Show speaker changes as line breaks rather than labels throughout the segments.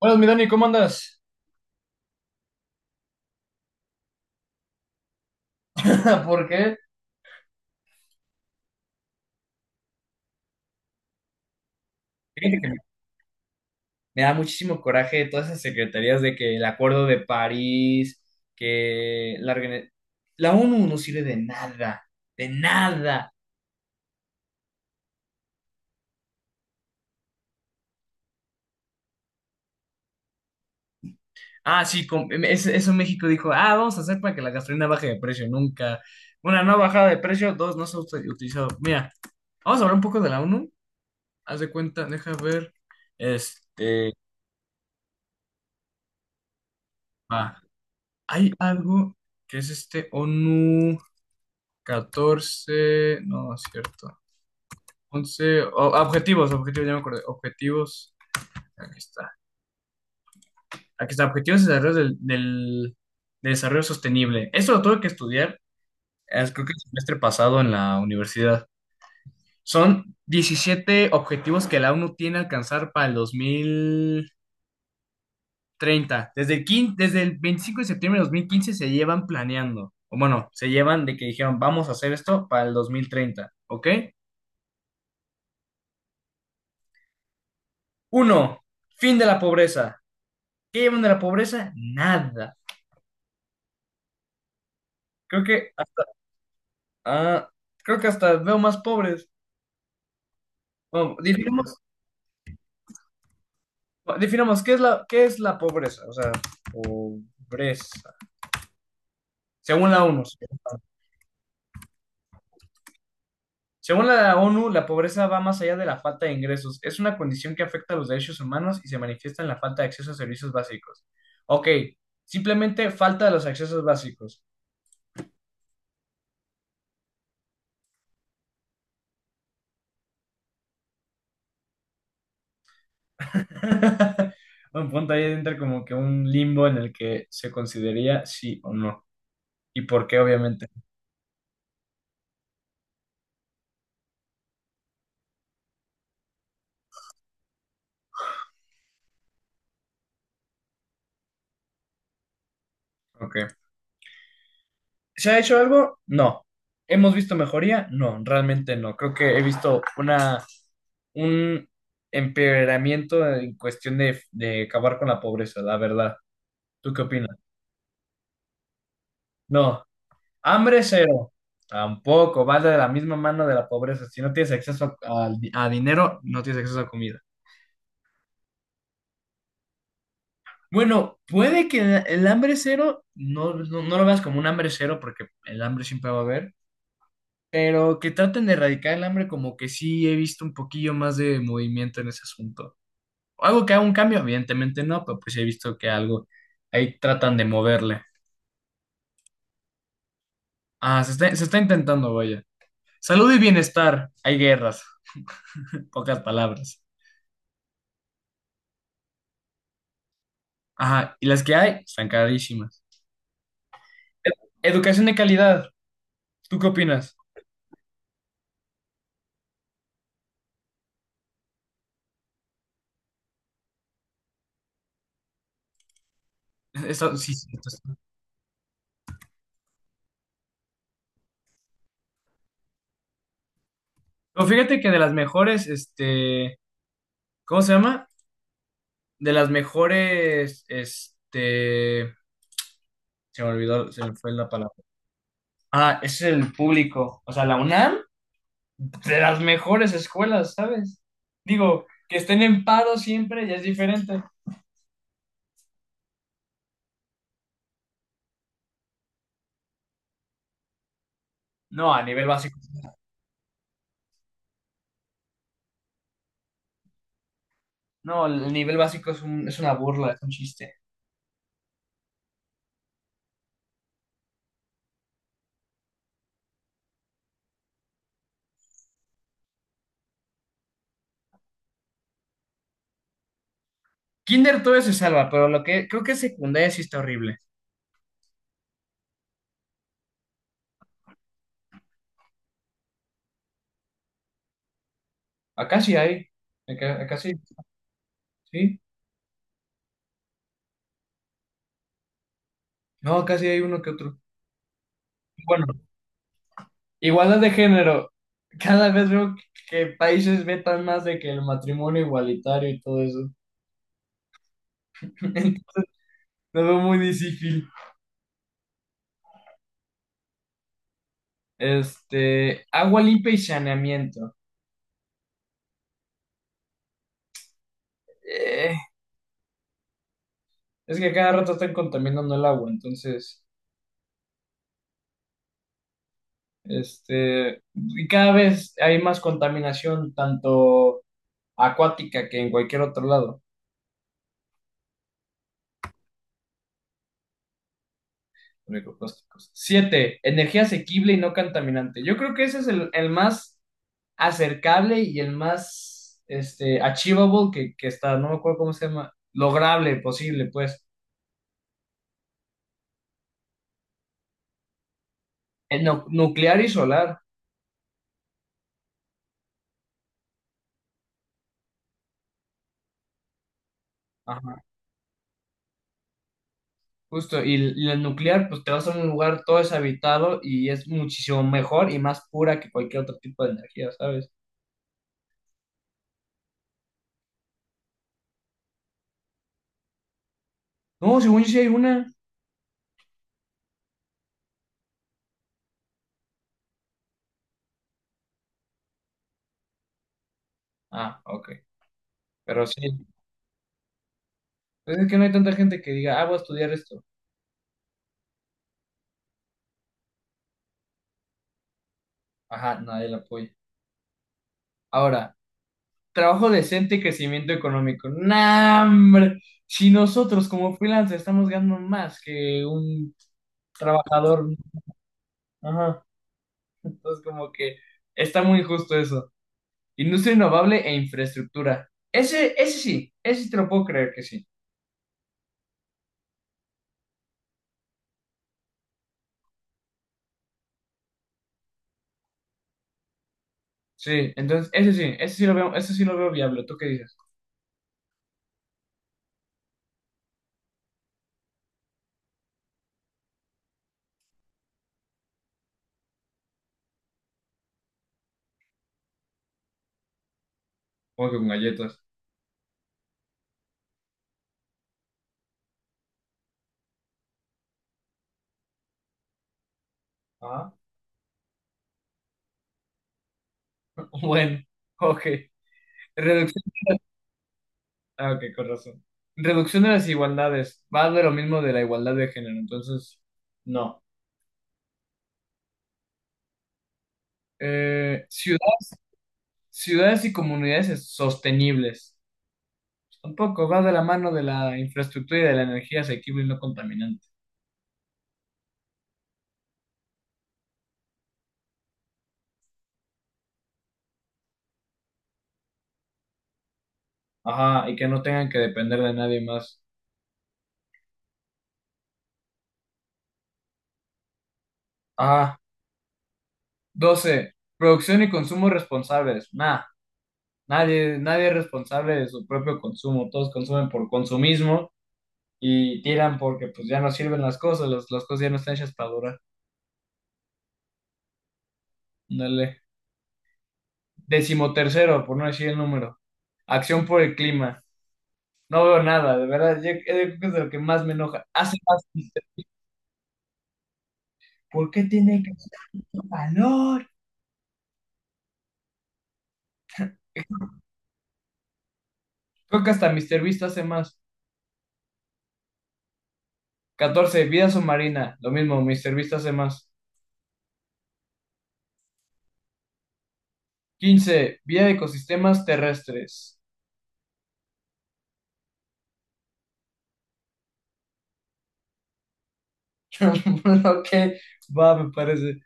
Buenas, mi Dani, ¿cómo andas? ¿Por qué? Fíjate que me da muchísimo coraje todas esas secretarías de que el Acuerdo de París, que la, organi- la ONU no sirve de nada, de nada. Ah, sí, eso México dijo, ah, vamos a hacer para que la gasolina baje de precio, nunca. Una, no bajada de precio, dos, no se ha utilizado. Mira, vamos a hablar un poco de la ONU. Haz de cuenta, deja ver, este, ah, hay algo que es este ONU. 14 no, no es cierto. Objetivos, objetivos, ya me acordé. Objetivos, aquí está. Aquí está, objetivos de desarrollo de desarrollo sostenible. Eso lo tuve que estudiar, es, creo que el semestre pasado en la universidad. Son 17 objetivos que la ONU tiene a alcanzar para el 2030. Desde el 25 de septiembre de 2015 se llevan planeando. O bueno, se llevan de que dijeron, vamos a hacer esto para el 2030, ¿ok? Uno, fin de la pobreza. ¿Qué llevan de la pobreza? Nada. Creo que hasta, ah, creo que hasta veo más pobres. Bueno, definamos, definamos qué es la pobreza. O sea, pobreza. Según la ONU. Sí. Según la ONU, la pobreza va más allá de la falta de ingresos. Es una condición que afecta a los derechos humanos y se manifiesta en la falta de acceso a servicios básicos. Ok, simplemente falta de los accesos básicos. Un punto ahí entra como que un limbo en el que se consideraría sí o no. Y por qué, obviamente. Ok. ¿Se ha hecho algo? No. ¿Hemos visto mejoría? No, realmente no. Creo que he visto una, un empeoramiento en cuestión de acabar con la pobreza, la verdad. ¿Tú qué opinas? No. Hambre cero. Tampoco. Va de la misma mano de la pobreza. Si no tienes acceso a, a dinero, no tienes acceso a comida. Bueno, puede que el hambre cero no, no, no lo veas como un hambre cero porque el hambre siempre va a haber, pero que traten de erradicar el hambre, como que sí he visto un poquillo más de movimiento en ese asunto. Algo que haga un cambio, evidentemente no, pero pues he visto que algo ahí tratan de moverle. Ah, se está intentando, vaya. Salud y bienestar, hay guerras, pocas palabras. Ajá, y las que hay están carísimas. Ed- Educación de calidad, ¿tú qué opinas? Eso, sí, sí, esto es- Pero fíjate que de las mejores, este, ¿cómo se llama? De las mejores, este, se me olvidó, se me fue la palabra. Ah, es el público. O sea, la UNAM, de las mejores escuelas, ¿sabes? Digo, que estén en paro siempre ya es diferente. No, a nivel básico. No, el nivel básico es un- es una burla, es un chiste. Kinder todo se salva, pero lo que creo que secundaria sí está horrible. Acá sí hay. Acá, acá sí. Sí. No, acá sí hay uno que otro. Bueno, igualdad de género. Cada vez veo que países vetan más de que el matrimonio igualitario y todo eso. Entonces, lo veo muy difícil. Este, agua limpia y saneamiento. Eh, es que cada rato están contaminando el agua, entonces, este, y cada vez hay más contaminación, tanto acuática que en cualquier otro lado. Microplásticos. 7, energía asequible y no contaminante. Yo creo que ese es el más acercable y el más este, achievable que está, no me acuerdo cómo se llama, lograble, posible, pues. El nuclear y solar. Ajá. Justo, y y la nuclear, pues te vas a un lugar todo deshabitado y es muchísimo mejor y más pura que cualquier otro tipo de energía, ¿sabes? No, según yo sí hay una. Ah, ok. Pero sí, pues es que no hay tanta gente que diga, ah, voy a estudiar esto. Ajá, nadie la apoya. Ahora, trabajo decente y crecimiento económico. ¡Nah, hombre! Si nosotros como freelancers estamos ganando más que un trabajador, ajá, entonces como que está muy injusto eso. Industria innovable e infraestructura. Ese, ese sí te lo puedo creer que sí. Sí, entonces ese sí lo veo, ese sí lo veo viable. ¿Tú qué dices? Como que con galletas. Ah, bueno, ok. Reducción. Ah, ok, con razón. Reducción de las desigualdades. Va de lo mismo de la igualdad de género, entonces, no. Ciudades, ciudades y comunidades sostenibles. Tampoco va de la mano de la infraestructura y de la energía asequible y no contaminante. Ajá, y que no tengan que depender de nadie más. Ajá. 12, producción y consumo responsables. Nah, nadie, nadie es responsable de su propio consumo. Todos consumen por consumismo y tiran porque pues ya no sirven las cosas ya no están hechas para durar. Dale. Decimotercero, por no decir el número. Acción por el clima. No veo nada, de verdad, yo- creo que es de lo que más me enoja. Hace más, Mr. ¿Por qué tiene que hacer calor? Creo que hasta Mister Beast hace más. 14, vida submarina. Lo mismo, Mister Beast hace más. 15, vía ecosistemas terrestres. Ok, va, me parece.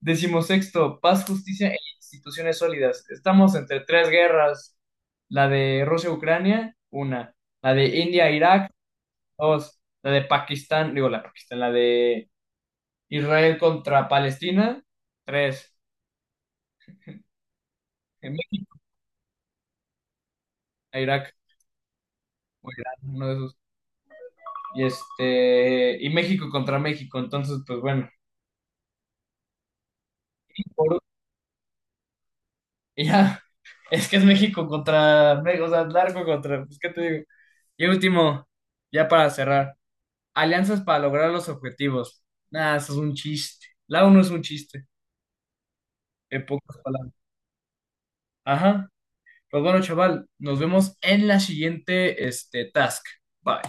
Decimosexto, paz, justicia e instituciones sólidas. Estamos entre tres guerras. La de Rusia-Ucrania, una. La de India-Irak, dos. La de Pakistán, digo, la de Pakistán, la de Israel contra Palestina, tres. En México, Irak, o Irán, uno de esos. Y este, y México contra México. Entonces, pues bueno. Y ya, es que es México contra, o sea, largo contra, pues, ¿qué te digo? Y último, ya para cerrar, alianzas para lograr los objetivos. Nah, eso es un chiste. La uno es un chiste, en pocas palabras. Ajá. Pues bueno, chaval, nos vemos en la siguiente, este, task. Bye.